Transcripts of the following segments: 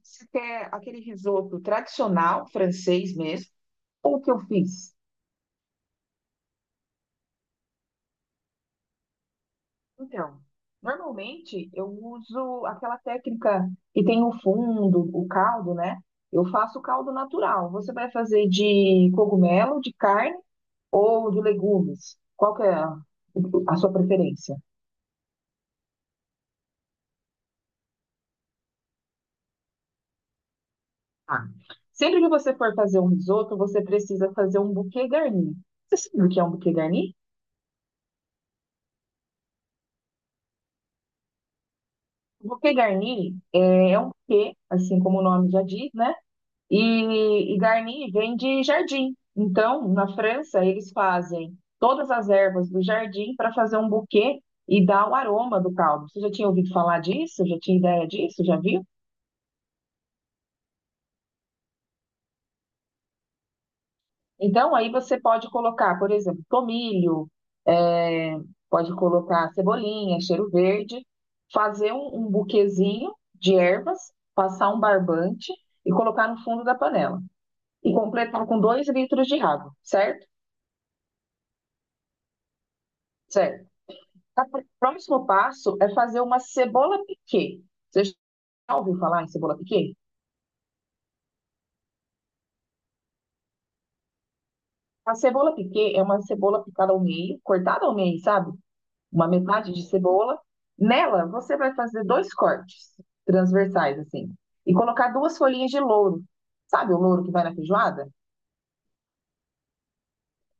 Você quer aquele risoto tradicional, francês mesmo, ou o que eu fiz? Então, normalmente eu uso aquela técnica que tem o fundo, o caldo, né? Eu faço o caldo natural. Você vai fazer de cogumelo, de carne ou de legumes? Qual que é a sua preferência? Ah, sempre que você for fazer um risoto, você precisa fazer um bouquet garni. Você sabe o que é um bouquet garni? O bouquet garni é um buquê, assim como o nome já diz, né? E Garni vem de jardim. Então, na França, eles fazem todas as ervas do jardim para fazer um buquê e dar o aroma do caldo. Você já tinha ouvido falar disso? Já tinha ideia disso? Já viu? Então, aí você pode colocar, por exemplo, tomilho, é, pode colocar cebolinha, cheiro verde, fazer um buquezinho de ervas, passar um barbante e colocar no fundo da panela. E completar com dois litros de água, certo? Certo. Tá, próximo passo é fazer uma cebola piquê. Você já ouviu falar em cebola piquê? A cebola piquê é uma cebola picada ao meio, cortada ao meio, sabe? Uma metade de cebola. Nela, você vai fazer dois cortes transversais, assim, e colocar duas folhinhas de louro. Sabe o louro que vai na feijoada?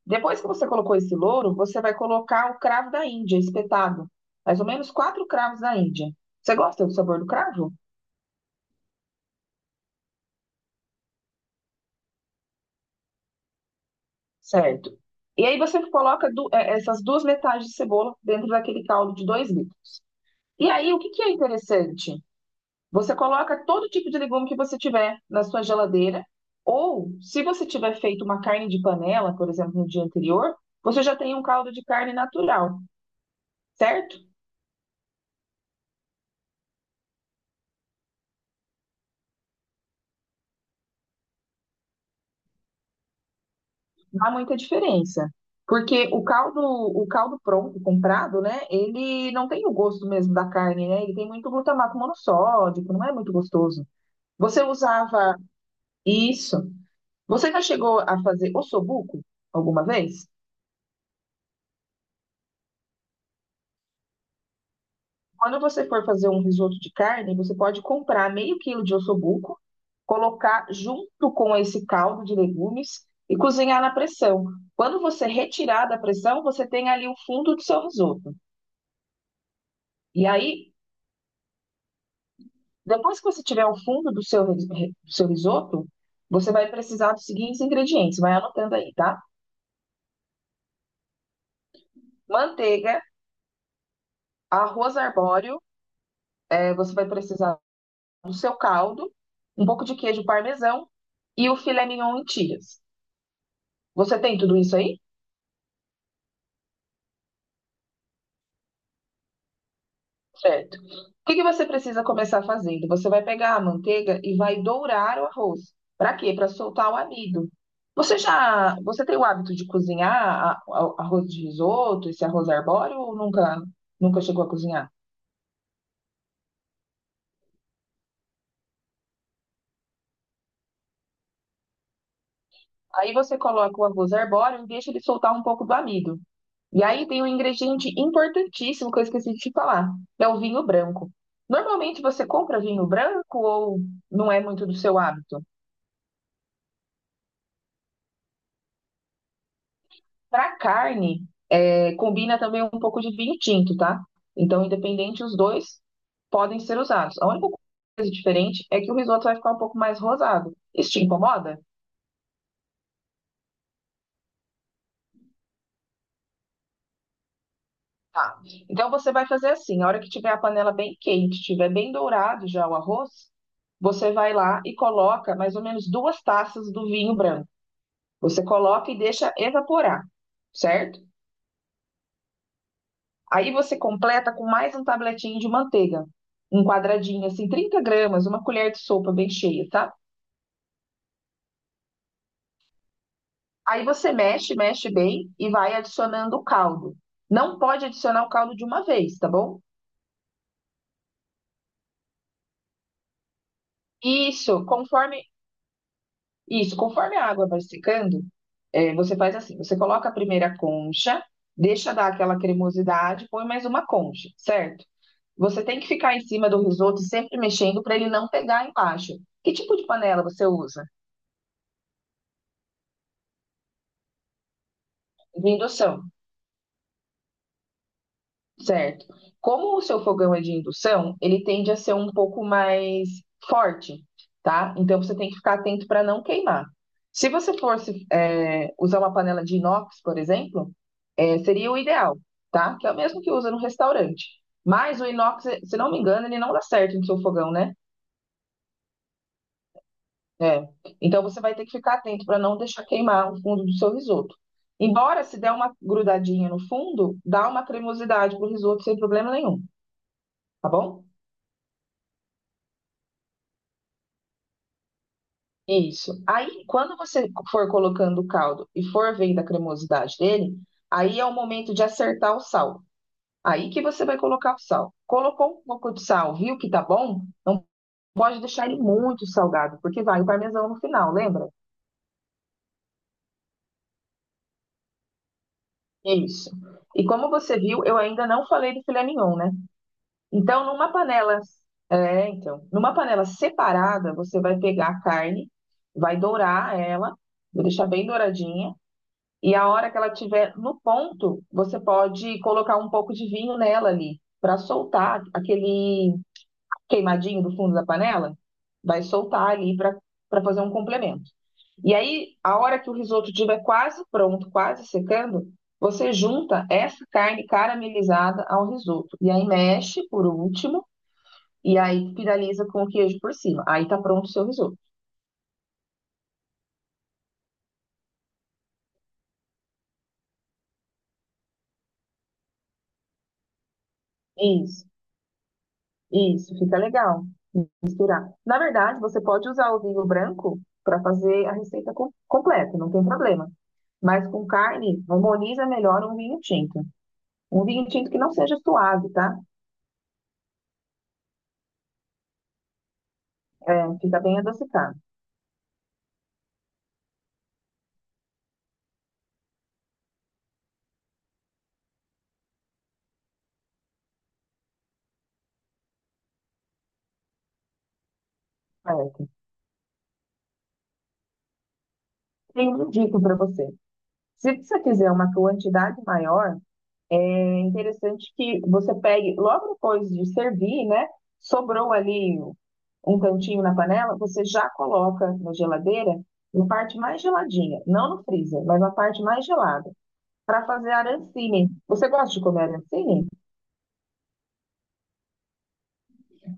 Depois que você colocou esse louro, você vai colocar o cravo da Índia, espetado. Mais ou menos quatro cravos da Índia. Você gosta do sabor do cravo? Certo. E aí você coloca essas duas metades de cebola dentro daquele caldo de dois litros. E aí, o que que é interessante? Você coloca todo tipo de legume que você tiver na sua geladeira, ou se você tiver feito uma carne de panela, por exemplo, no dia anterior, você já tem um caldo de carne natural, certo? Não há muita diferença. Porque o caldo pronto, comprado, né? Ele não tem o gosto mesmo da carne, né? Ele tem muito glutamato monossódico, não é muito gostoso. Você usava. Isso. Você já chegou a fazer ossobuco alguma vez? Quando você for fazer um risoto de carne, você pode comprar meio quilo de ossobuco, colocar junto com esse caldo de legumes e cozinhar na pressão. Quando você retirar da pressão, você tem ali o fundo do seu risoto. E aí, depois que você tiver o fundo do seu, do seu risoto, você vai precisar dos seguintes ingredientes. Vai anotando aí, tá? Manteiga, arroz arbóreo, você vai precisar do seu caldo, um pouco de queijo parmesão e o filé mignon em tiras. Você tem tudo isso aí? Certo. O que que você precisa começar fazendo? Você vai pegar a manteiga e vai dourar o arroz. Para quê? Para soltar o amido. Você tem o hábito de cozinhar arroz de risoto, esse arroz arbóreo ou nunca chegou a cozinhar? Aí você coloca o arroz arbóreo e deixa ele soltar um pouco do amido. E aí tem um ingrediente importantíssimo que eu esqueci de te falar, que é o vinho branco. Normalmente você compra vinho branco ou não é muito do seu hábito? Para carne, combina também um pouco de vinho tinto, tá? Então, independente, os dois podem ser usados. A única coisa diferente é que o risoto vai ficar um pouco mais rosado. Isso te incomoda? Tá. Então você vai fazer assim, a hora que tiver a panela bem quente, tiver bem dourado já o arroz, você vai lá e coloca mais ou menos duas taças do vinho branco. Você coloca e deixa evaporar, certo? Aí você completa com mais um tabletinho de manteiga, um quadradinho assim, 30 gramas, uma colher de sopa bem cheia, tá? Aí você mexe, mexe bem e vai adicionando o caldo. Não pode adicionar o caldo de uma vez, tá bom? Isso, conforme isso, conforme a água vai secando, você faz assim: você coloca a primeira concha, deixa dar aquela cremosidade, põe mais uma concha, certo? Você tem que ficar em cima do risoto e sempre mexendo para ele não pegar embaixo. Que tipo de panela você usa? De indução, certo? Como o seu fogão é de indução, ele tende a ser um pouco mais forte, tá? Então você tem que ficar atento para não queimar. Se você fosse usar uma panela de inox, por exemplo, seria o ideal, tá? Que é o mesmo que usa no restaurante. Mas o inox, se não me engano, ele não dá certo no seu fogão, né? É. Então você vai ter que ficar atento para não deixar queimar o fundo do seu risoto. Embora se der uma grudadinha no fundo, dá uma cremosidade pro risoto sem problema nenhum, tá bom? Isso. Aí, quando você for colocando o caldo e for vendo a cremosidade dele, aí é o momento de acertar o sal. Aí que você vai colocar o sal. Colocou um pouco de sal, viu que tá bom? Não pode deixar ele muito salgado, porque vai o parmesão no final, lembra? Isso. E como você viu, eu ainda não falei do filé mignon, né? Então, numa panela, então, numa panela separada, você vai pegar a carne, vai dourar ela, vai deixar bem douradinha, e a hora que ela estiver no ponto, você pode colocar um pouco de vinho nela ali, para soltar aquele queimadinho do fundo da panela, vai soltar ali para fazer um complemento. E aí, a hora que o risoto estiver quase pronto, quase secando, você junta essa carne caramelizada ao risoto. E aí mexe por último e aí finaliza com o queijo por cima. Aí tá pronto o seu risoto. Isso, isso, fica legal. Misturar. Na verdade, você pode usar o vinho branco para fazer a receita completa, não tem problema. Mas com carne, harmoniza melhor um vinho tinto. Um vinho tinto que não seja suave, tá? É, fica bem adocicado. Certo. Tenho uma dica para você. Se você fizer uma quantidade maior, é interessante que você pegue, logo depois de servir, né? Sobrou ali um cantinho na panela, você já coloca na geladeira, na parte mais geladinha, não no freezer, mas na parte mais gelada, para fazer arancine. Você gosta de comer arancine?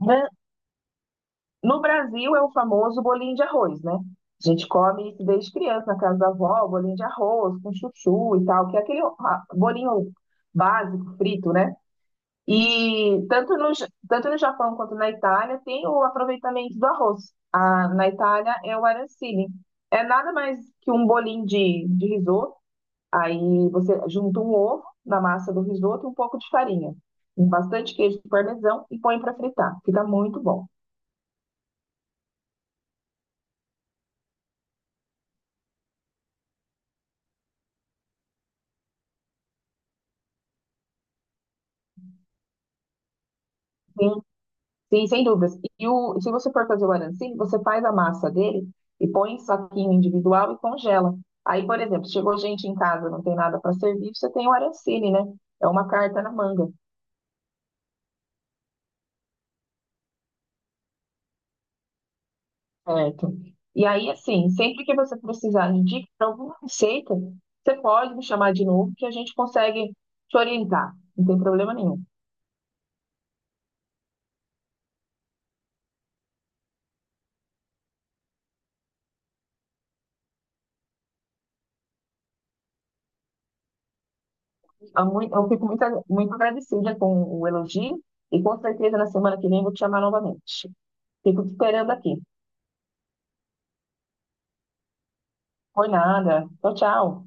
Né? No Brasil é o famoso bolinho de arroz, né? A gente come isso desde criança na casa da avó, bolinho de arroz com chuchu e tal, que é aquele bolinho básico, frito, né? E tanto no Japão quanto na Itália tem o aproveitamento do arroz. Na Itália é o arancine. É nada mais que um bolinho de risoto. Aí você junta um ovo na massa do risoto e um pouco de farinha. Bastante queijo parmesão e põe para fritar. Fica muito bom. Tem. Sim, sem dúvidas. Se você for fazer o arancine, você faz a massa dele e põe em saquinho individual e congela. Aí, por exemplo, chegou gente em casa, não tem nada para servir, você tem o arancine, né? É uma carta na manga, certo? E aí, assim, sempre que você precisar de dica para alguma receita, você pode me chamar de novo que a gente consegue te orientar. Não tem problema nenhum. Eu fico muito agradecida com o elogio e com certeza na semana que vem vou te chamar novamente. Fico te esperando aqui. Foi nada. Tchau, tchau.